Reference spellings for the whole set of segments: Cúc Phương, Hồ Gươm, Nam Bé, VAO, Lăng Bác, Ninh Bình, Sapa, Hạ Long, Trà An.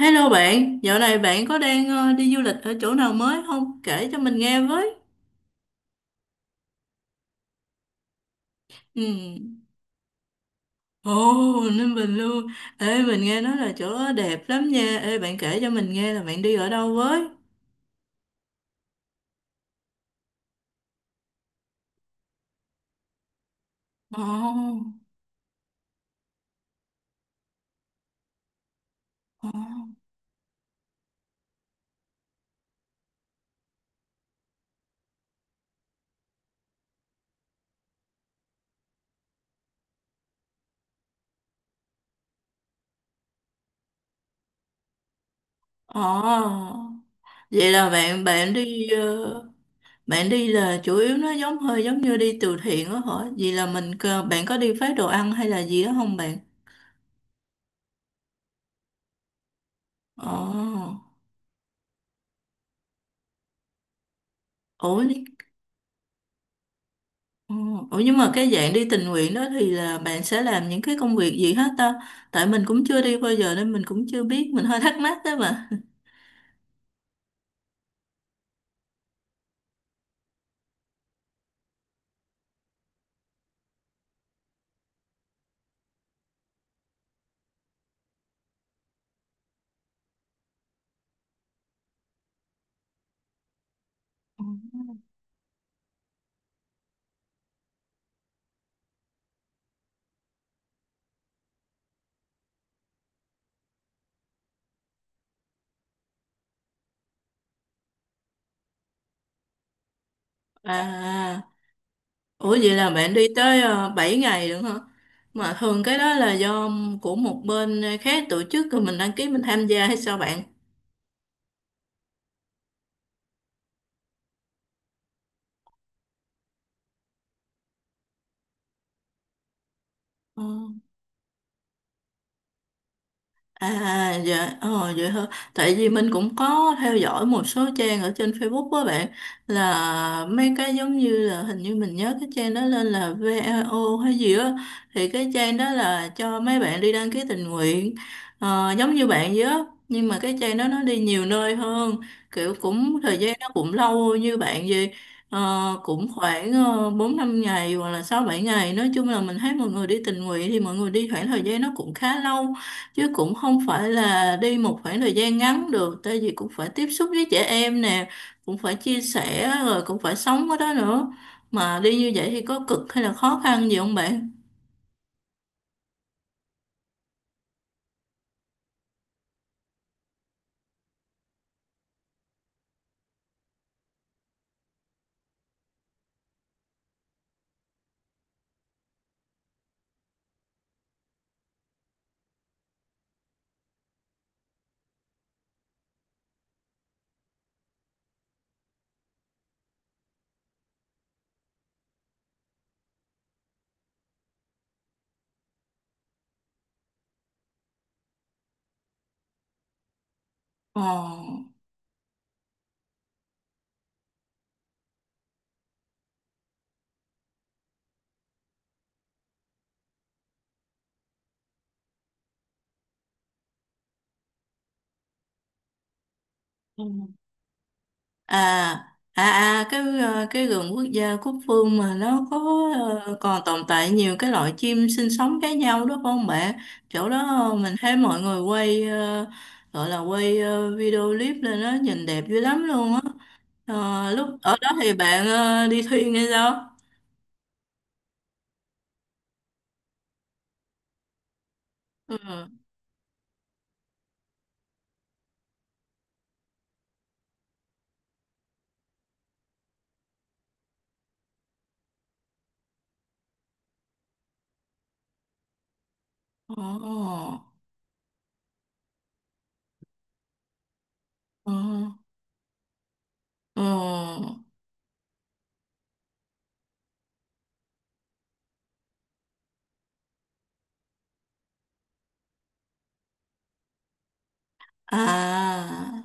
Hello bạn, dạo này bạn có đang đi du lịch ở chỗ nào mới không? Kể cho mình nghe với. Ừ. Ồ, Ninh Bình luôn. Ê, mình nghe nói là chỗ đó đẹp lắm nha. Ê, bạn kể cho mình nghe là bạn đi ở đâu với? Ồ, ồ, ồ. Vậy là bạn bạn đi bạn đi là chủ yếu nó giống hơi giống như đi từ thiện đó hả? Vậy là mình bạn có đi phát đồ ăn hay là gì đó không bạn? Ồ, ủa, Ồ. Ủa nhưng mà cái dạng đi tình nguyện đó thì là bạn sẽ làm những cái công việc gì hết ta? Tại mình cũng chưa đi bao giờ nên mình cũng chưa biết, mình hơi thắc mắc đó mà. Ừ. À, ủa vậy là bạn đi tới 7 ngày được hả? Mà thường cái đó là do của một bên khác tổ chức rồi mình đăng ký mình tham gia hay sao bạn? À dạ ờ, vậy thôi, tại vì mình cũng có theo dõi một số trang ở trên Facebook đó bạn, là mấy cái giống như là, hình như mình nhớ cái trang đó lên là VAO hay gì á, thì cái trang đó là cho mấy bạn đi đăng ký tình nguyện, giống như bạn vậy á, nhưng mà cái trang đó nó đi nhiều nơi hơn, kiểu cũng thời gian nó cũng lâu như bạn vậy. Ờ, cũng khoảng bốn năm ngày hoặc là sáu bảy ngày, nói chung là mình thấy mọi người đi tình nguyện thì mọi người đi khoảng thời gian nó cũng khá lâu, chứ cũng không phải là đi một khoảng thời gian ngắn được, tại vì cũng phải tiếp xúc với trẻ em nè, cũng phải chia sẻ rồi cũng phải sống ở đó nữa. Mà đi như vậy thì có cực hay là khó khăn gì không bạn? Ồ. À, à, à cái cái vườn quốc gia Cúc Phương mà nó có còn tồn tại nhiều cái loại chim sinh sống khác nhau đó phải không bạn? Chỗ đó mình thấy mọi người quay, gọi là quay video clip lên đó nhìn đẹp dữ lắm luôn á. Ờ, lúc ở đó thì bạn đi thuyền hay sao? Ừ. Ồ, ồ, ồ. À,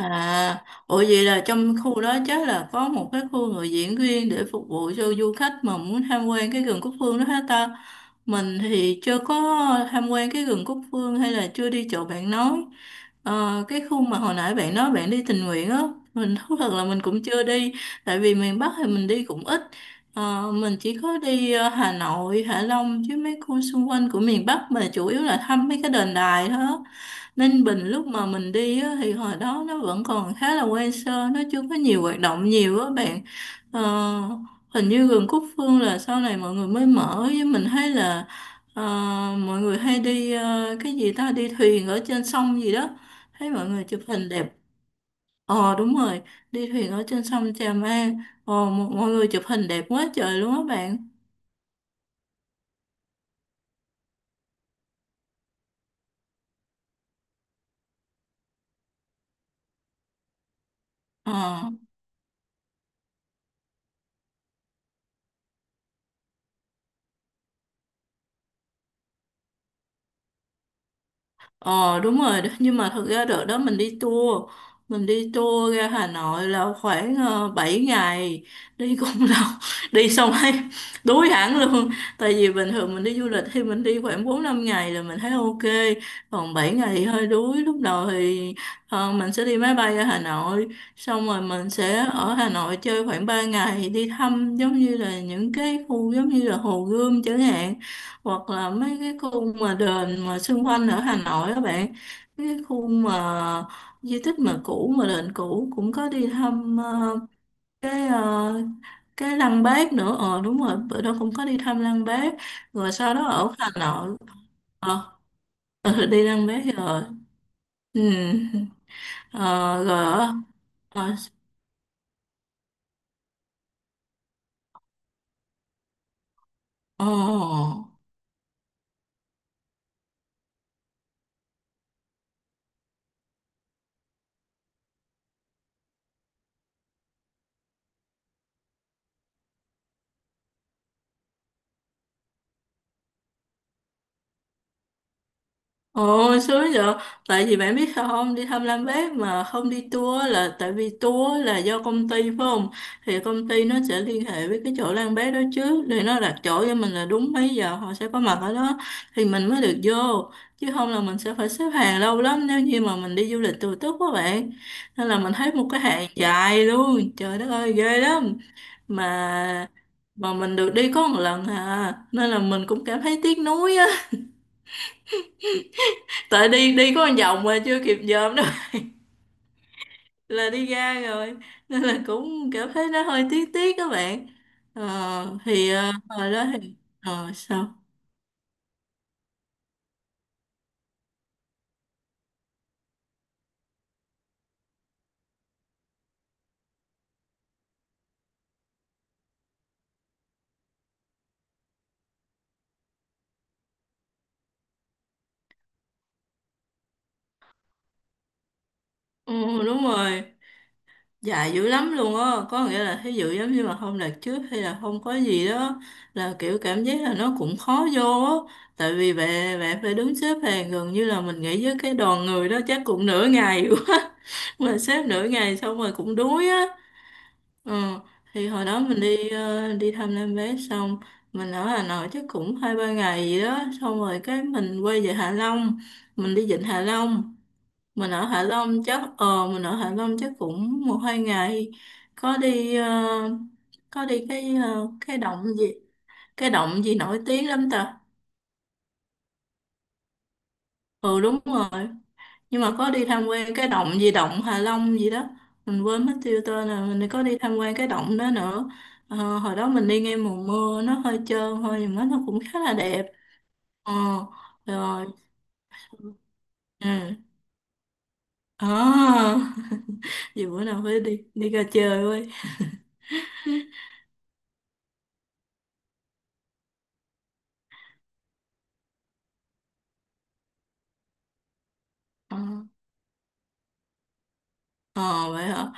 À, ủa vậy là trong khu đó chắc là có một cái khu người diễn riêng để phục vụ cho du khách mà muốn tham quan cái rừng Cúc Phương đó hết ta. Mình thì chưa có tham quan cái rừng Cúc Phương, hay là chưa đi chỗ bạn nói. Ờ, cái khu mà hồi nãy bạn nói bạn đi tình nguyện á, mình thú thật là mình cũng chưa đi, tại vì miền Bắc thì mình đi cũng ít. Ờ, mình chỉ có đi Hà Nội, Hạ Long, chứ mấy khu xung quanh của miền Bắc mà chủ yếu là thăm mấy cái đền đài thôi á. Ninh Bình lúc mà mình đi á, thì hồi đó nó vẫn còn khá là quen sơ, nó chưa có nhiều hoạt động nhiều á bạn. Ờ, hình như vườn Cúc Phương là sau này mọi người mới mở, với mình thấy là ờ, mọi người hay đi, cái gì ta, đi thuyền ở trên sông gì đó, thấy mọi người chụp hình đẹp. Ờ đúng rồi, đi thuyền ở trên sông Trà An, mọi mọi người chụp hình đẹp quá trời luôn á bạn. Ờ. Ờ đúng rồi, đó. Nhưng mà thật ra đợt đó mình đi tour ra Hà Nội là khoảng 7 ngày, đi cũng lâu, đi xong thấy đuối hẳn luôn. Tại vì bình thường mình đi du lịch thì mình đi khoảng 4 5 ngày là mình thấy ok, còn 7 ngày thì hơi đuối. Lúc đầu thì mình sẽ đi máy bay ra Hà Nội, xong rồi mình sẽ ở Hà Nội chơi khoảng 3 ngày, đi thăm giống như là những cái khu giống như là Hồ Gươm chẳng hạn, hoặc là mấy cái khu mà đền mà xung quanh ở Hà Nội các bạn, mấy cái khu mà di tích mà cũ mà đền cũ, cũng có đi thăm cái cái Lăng Bác nữa. Ờ đúng rồi, bữa đó cũng có đi thăm Lăng Bác, rồi sau đó ở Hà Nội. Ờ. Ừ, đi Lăng Bác rồi. Ừ. Ờ, rồi. Ở. Ờ, ờ. Ồ, sướng vậy. Tại vì bạn biết sao không, đi thăm Lam Bác mà không đi tour là tại vì tour là do công ty phải không? Thì công ty nó sẽ liên hệ với cái chỗ Lam Bác đó trước, để nó đặt chỗ cho mình là đúng mấy giờ họ sẽ có mặt ở đó, thì mình mới được vô. Chứ không là mình sẽ phải xếp hàng lâu lắm, nếu như mà mình đi du lịch tự túc quá bạn. Nên là mình thấy một cái hàng dài luôn. Trời đất ơi, ghê lắm. Mà mà mình được đi có một lần à, nên là mình cũng cảm thấy tiếc nuối á, tại đi đi có một vòng mà chưa kịp dòm đâu, là đi ra rồi, nên là cũng cảm thấy nó hơi tiếc tiếc các bạn. Hồi đó thì sao. Ừ, đúng rồi, dài dữ lắm luôn á, có nghĩa là thí dụ giống như mà không đạt trước hay là không có gì đó là kiểu cảm giác là nó cũng khó vô á, tại vì bạn bạn phải đứng xếp hàng gần như là mình nghĩ với cái đoàn người đó chắc cũng nửa ngày quá, mà xếp nửa ngày xong rồi cũng đuối á. Ờ, thì hồi đó mình đi đi thăm Nam Bé xong, mình ở Hà Nội chắc cũng hai ba ngày gì đó, xong rồi cái mình quay về Hạ Long, mình đi vịnh Hạ Long, mình ở Hạ Long chắc mình ở Hạ Long chắc cũng một hai ngày, có đi có đi cái cái động gì nổi tiếng lắm ta. Ừ đúng rồi, nhưng mà có đi tham quan cái động gì, động Hạ Long gì đó, mình quên mất tiêu tên rồi, mình có đi tham quan cái động đó nữa. Ờ, hồi đó mình đi ngay mùa mưa nó hơi trơn thôi, nhưng mà nó cũng khá là đẹp. Ờ, rồi. Ừ à. Vậy bữa nào phải đi đi ra chơi với. Ờ. Ờ, vậy hả.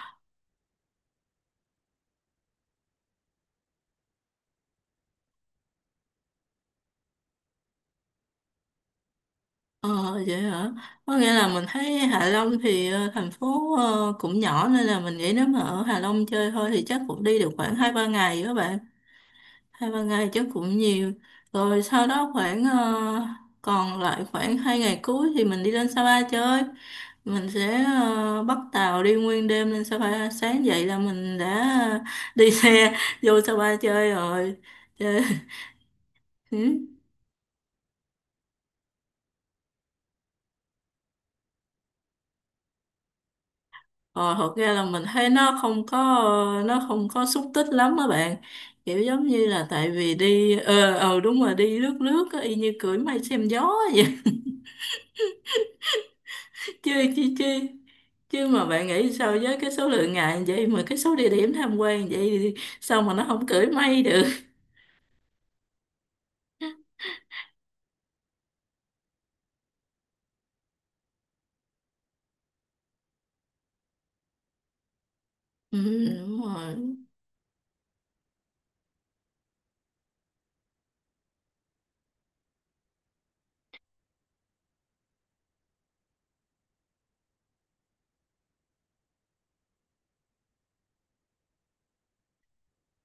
Ờ, vậy hả, có nghĩa là mình thấy Hạ Long thì thành phố cũng nhỏ, nên là mình nghĩ nếu mà ở Hạ Long chơi thôi thì chắc cũng đi được khoảng hai ba ngày các bạn, hai ba ngày chắc cũng nhiều. Rồi sau đó khoảng còn lại khoảng hai ngày cuối thì mình đi lên Sapa chơi, mình sẽ bắt tàu đi nguyên đêm lên Sapa, sáng dậy là mình đã đi xe vô Sapa chơi rồi, chơi. Ừ. Ờ, thật ra là mình thấy nó không có, nó không có xúc tích lắm các bạn, kiểu giống như là tại vì đi, đúng rồi, đi lướt lướt á, y như cưỡi mây xem gió vậy. Chứ chứ chứ chứ mà bạn nghĩ sao với cái số lượng ngày như vậy mà cái số địa điểm tham quan vậy thì sao mà nó không cưỡi mây được. Ừ, đúng rồi.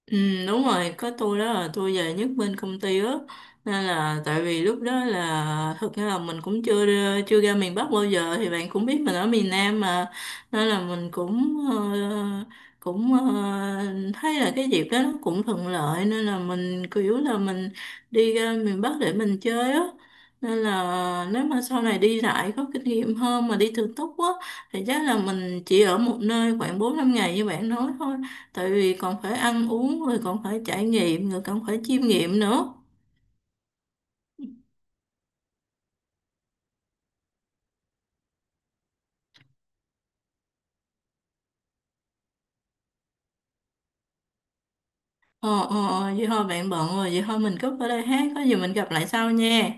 Ừ, đúng rồi, có tôi đó là tôi về nhất bên công ty á, nên là tại vì lúc đó là thực ra là mình cũng chưa ra miền Bắc bao giờ, thì bạn cũng biết mình ở miền Nam mà, nên là mình cũng cũng ờ, thấy là cái dịp đó nó cũng thuận lợi, nên là mình kiểu là mình đi ra miền Bắc để mình chơi á. Nên là nếu mà sau này đi lại có kinh nghiệm hơn mà đi thường túc á, thì chắc là mình chỉ ở một nơi khoảng bốn năm ngày như bạn nói thôi, tại vì còn phải ăn uống rồi còn phải trải nghiệm rồi còn phải chiêm nghiệm nữa. Ờ, vậy thôi bạn bận rồi, vậy thôi mình cúp ở đây hát, có gì mình gặp lại sau nha.